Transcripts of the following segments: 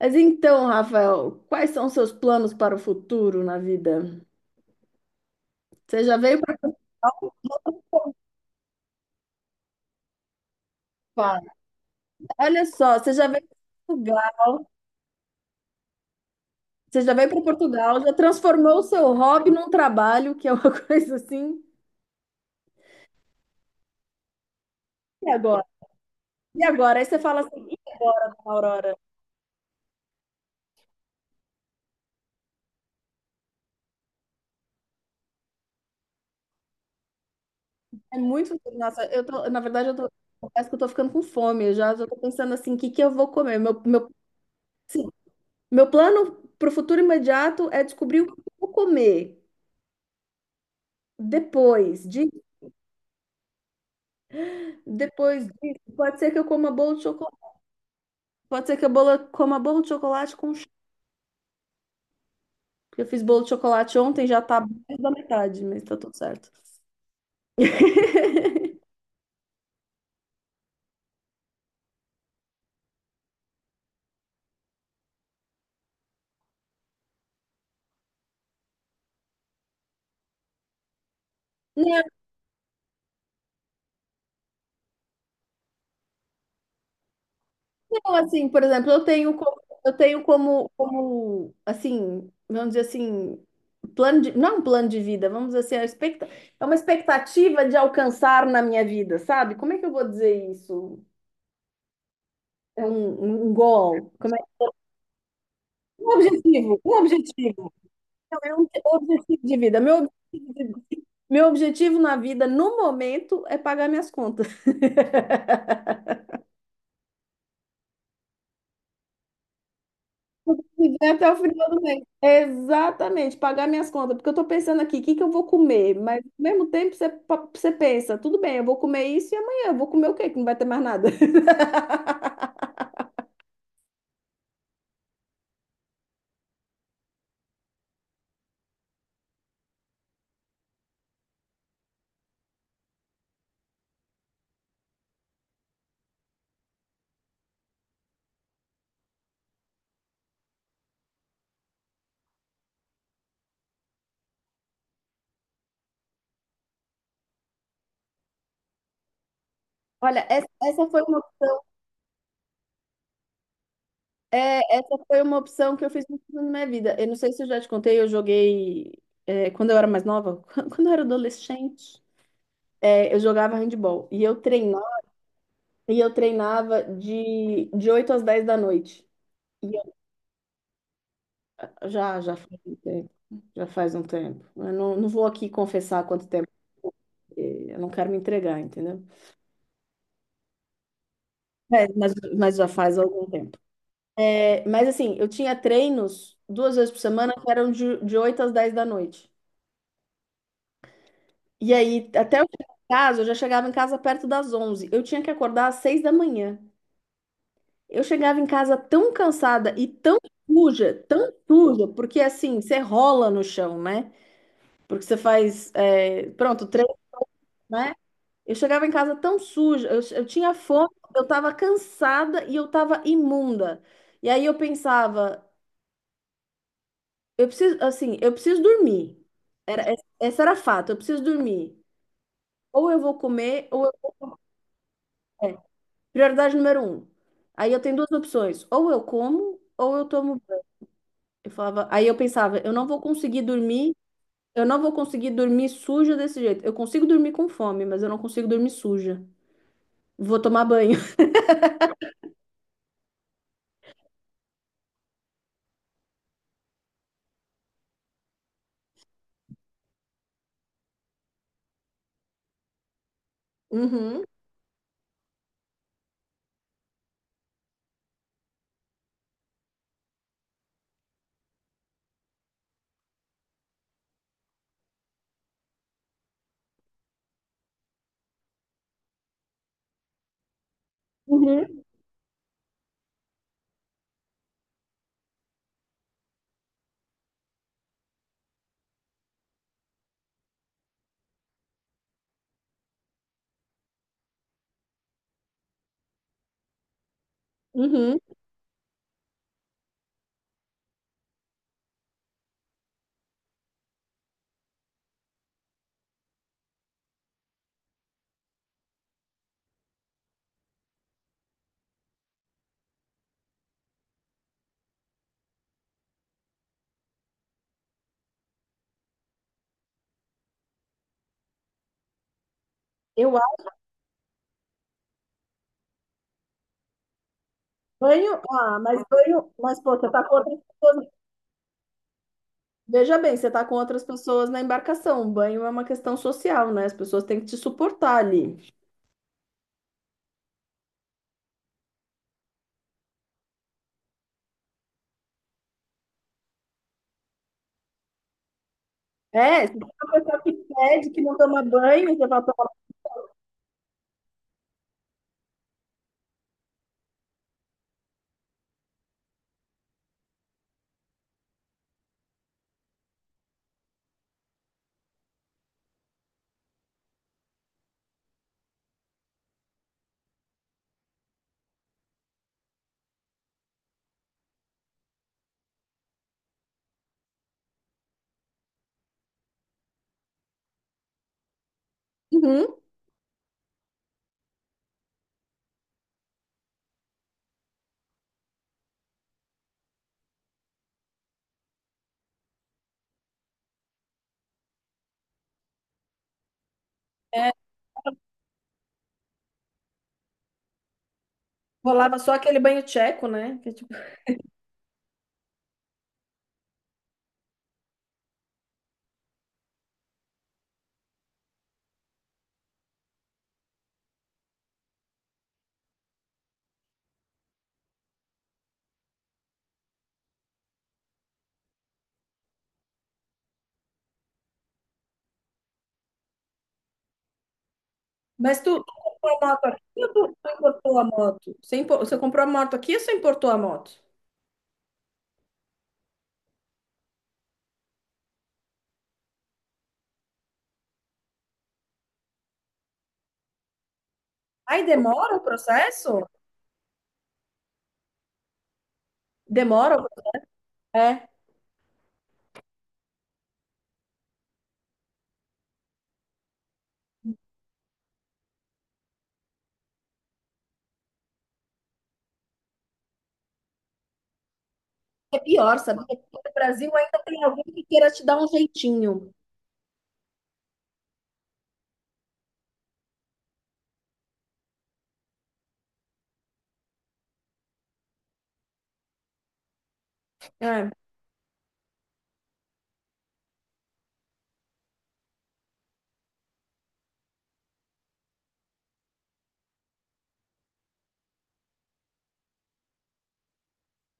Mas então, Rafael, quais são os seus planos para o futuro na vida? Você já veio para cá? Olha só, Portugal, você já veio para Portugal, já transformou o seu hobby num trabalho, que é uma coisa assim. E agora? E agora? Aí você fala assim: "Ih, Aurora, é muito." Nossa, eu tô, na verdade, confesso que eu tô ficando com fome. Eu já estou pensando assim, o que que eu vou comer? Sim, meu plano para o futuro imediato é descobrir o que eu vou comer depois. De Depois disso, pode ser que eu coma bolo de chocolate. Pode ser que eu coma bolo de chocolate com chá. Porque eu fiz bolo de chocolate ontem, já tá mais da metade, mas tá tudo certo. Não, não, assim, por exemplo, eu tenho como, como, assim, vamos dizer assim, plano de, não um plano de vida, vamos dizer assim, é uma é uma expectativa de alcançar na minha vida, sabe? Como é que eu vou dizer isso? É um goal? Como é? Um objetivo, um objetivo. Não, é um objetivo de vida. Meu objetivo na vida, no momento, é pagar minhas contas. Viver até o final do mês. Exatamente, pagar minhas contas. Porque eu tô pensando aqui, o que que eu vou comer? Mas ao mesmo tempo você pensa, tudo bem, eu vou comer isso e amanhã eu vou comer o quê? Que não vai ter mais nada. Olha, essa foi uma opção que eu fiz muito na minha vida. Eu não sei se eu já te contei, eu joguei é, quando eu era mais nova, quando eu era adolescente, é, eu jogava handball. E eu treinava de 8 às 10 da noite. Já, já faz um tempo. Já faz um tempo. Eu não vou aqui confessar quanto tempo, porque eu não quero me entregar, entendeu? É, mas já faz algum tempo. É, mas assim, eu tinha treinos duas vezes por semana que eram de 8 às 10 da noite. E aí, até eu chegar em casa, eu já chegava em casa perto das 11. Eu tinha que acordar às 6 da manhã. Eu chegava em casa tão cansada e tão suja, porque assim, você rola no chão, né? Porque você faz, é, pronto, treino, né? Eu chegava em casa tão suja, eu tinha fome, eu estava cansada e eu estava imunda. E aí eu pensava, eu preciso, assim, eu preciso dormir. Era, Essa era fato, eu preciso dormir. Ou eu vou comer, ou eu... é, prioridade número um. Aí eu tenho duas opções, ou eu como, ou eu tomo banho. Eu falava, aí eu pensava, eu não vou conseguir dormir, eu não vou conseguir dormir suja desse jeito. Eu consigo dormir com fome, mas eu não consigo dormir suja. Vou tomar banho. Uhum, uhum, uhum. Eu Banho, ah, mas banho, mas pô, você tá com outras pessoas. Veja bem, você tá com outras pessoas na embarcação. Banho é uma questão social, né? As pessoas têm que te suportar ali. É, se tem uma pessoa que pede que não toma banho, você vai tomar. Uhum. É, rolava só aquele banho tcheco, né? Que é tipo- Mas tu comprou a moto aqui ou tu importou a moto? Você comprou a moto aqui ou você importou a moto? Aí demora o processo? Demora? É. É pior, sabe? Porque no Brasil ainda tem alguém que queira te dar um jeitinho. É.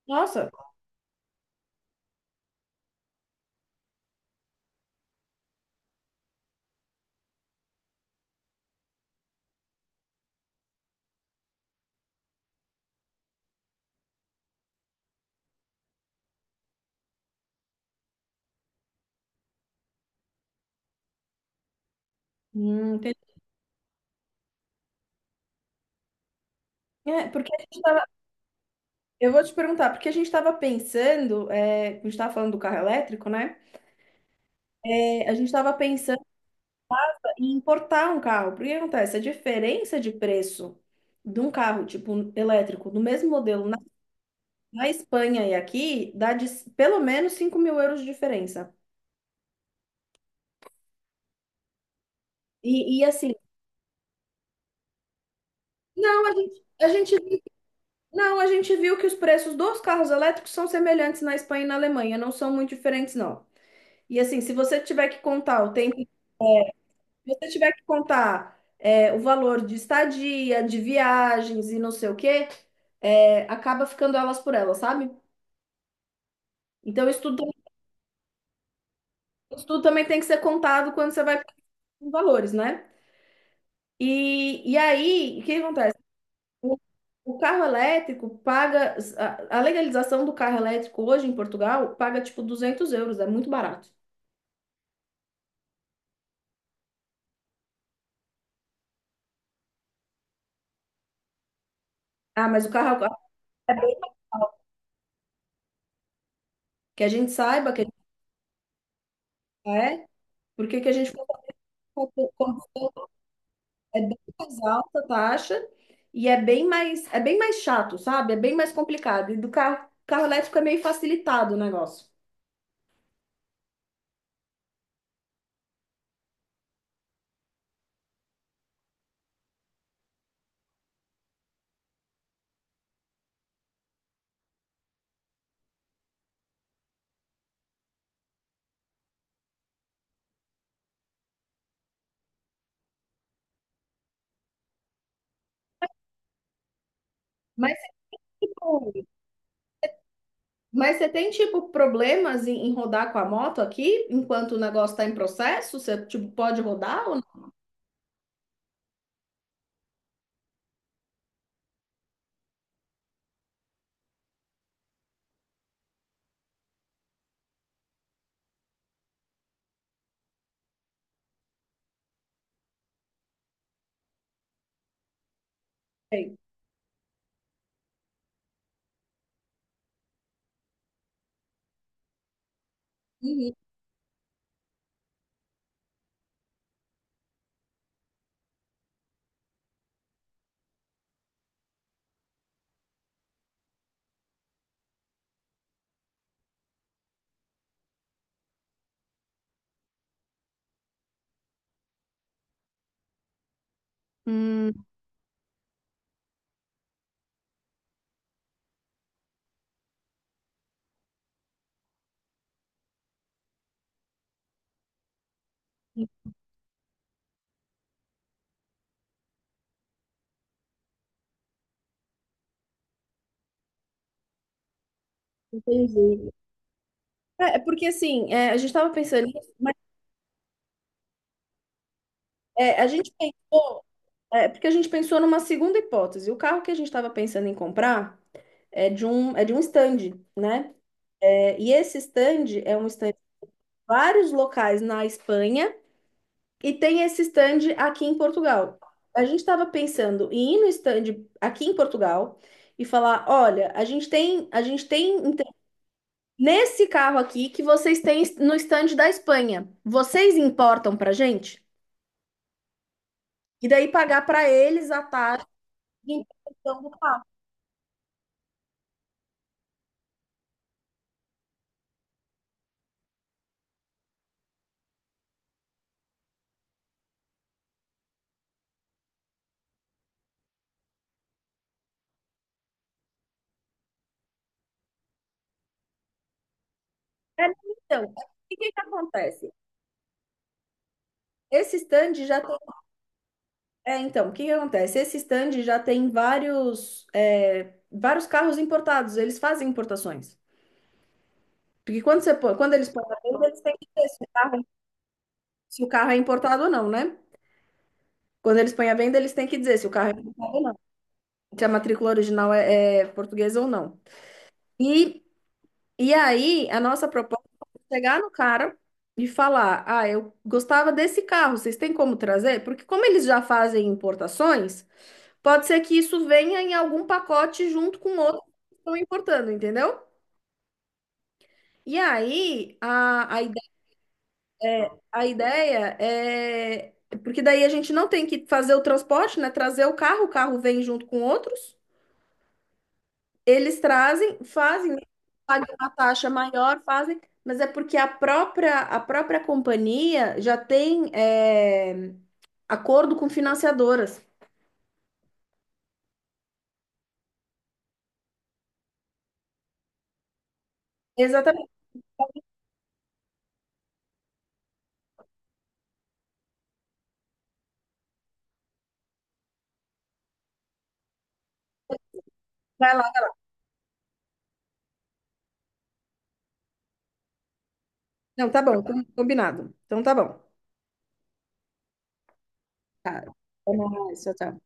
Nossa, hum, entendi. É, porque a gente tava, eu vou te perguntar, porque a gente estava pensando, é, a gente estava falando do carro elétrico, né? É, a gente estava pensando em importar um carro. Porque o que acontece? A diferença de preço de um carro, tipo, elétrico, do mesmo modelo na Espanha e aqui, dá pelo menos € 5.000 de diferença. E assim, não, não, a gente viu que os preços dos carros elétricos são semelhantes na Espanha e na Alemanha, não são muito diferentes, não. E assim, se você tiver que contar o tempo, se você tiver que contar é, o valor de estadia, de viagens e não sei o quê, é, acaba ficando elas por elas, sabe? Então, isso tudo também tem que ser contado quando você vai com valores, né? E aí, o que acontece? O, o carro elétrico paga, a legalização do carro elétrico hoje em Portugal paga tipo € 200, é muito barato. Ah, mas o carro, que a gente saiba que a gente é, porque que a gente é bem mais alta a taxa e é bem mais chato, sabe? É bem mais complicado. E do carro, carro elétrico é meio facilitado o negócio. Mas, tipo, você tem, tipo, problemas em rodar com a moto aqui, enquanto o negócio está em processo? Você, tipo, pode rodar ou não tem? Uhum. Hum, entendi. É porque assim, é, a gente estava pensando nisso, mas é, a gente pensou, é, porque a gente pensou numa segunda hipótese. O carro que a gente estava pensando em comprar é de um stand, né? É. E esse stand é um stand de vários locais na Espanha e tem esse stand aqui em Portugal. A gente estava pensando em ir no stand aqui em Portugal e falar: olha, a gente tem inte- nesse carro aqui que vocês têm no stand da Espanha. Vocês importam para gente? E daí pagar para eles a taxa de importação do carro. É, então, o que que acontece? Esse stand já É, então, o que que acontece? Esse stand já tem vários, é, vários carros importados, eles fazem importações. Porque quando você põe, quando eles põem à venda, eles têm que dizer se o carro é importado ou não, né? Quando eles põem à venda, eles têm que dizer se o carro é importado ou não, se a matrícula original é portuguesa ou não. E, e aí, a nossa proposta é chegar no cara e falar: ah, eu gostava desse carro, vocês têm como trazer? Porque como eles já fazem importações. Pode ser que isso venha em algum pacote junto com outros que estão importando, entendeu? E aí, a ideia é. Porque daí a gente não tem que fazer o transporte, né? Trazer o carro vem junto com outros. Eles trazem, fazem, pagam uma taxa maior, fazem. Mas é porque a própria companhia já tem é, acordo com financiadoras. Exatamente. Vai lá. Não, tá bom, combinado. Então tá bom. Tá. Até mais, tchau, tchau.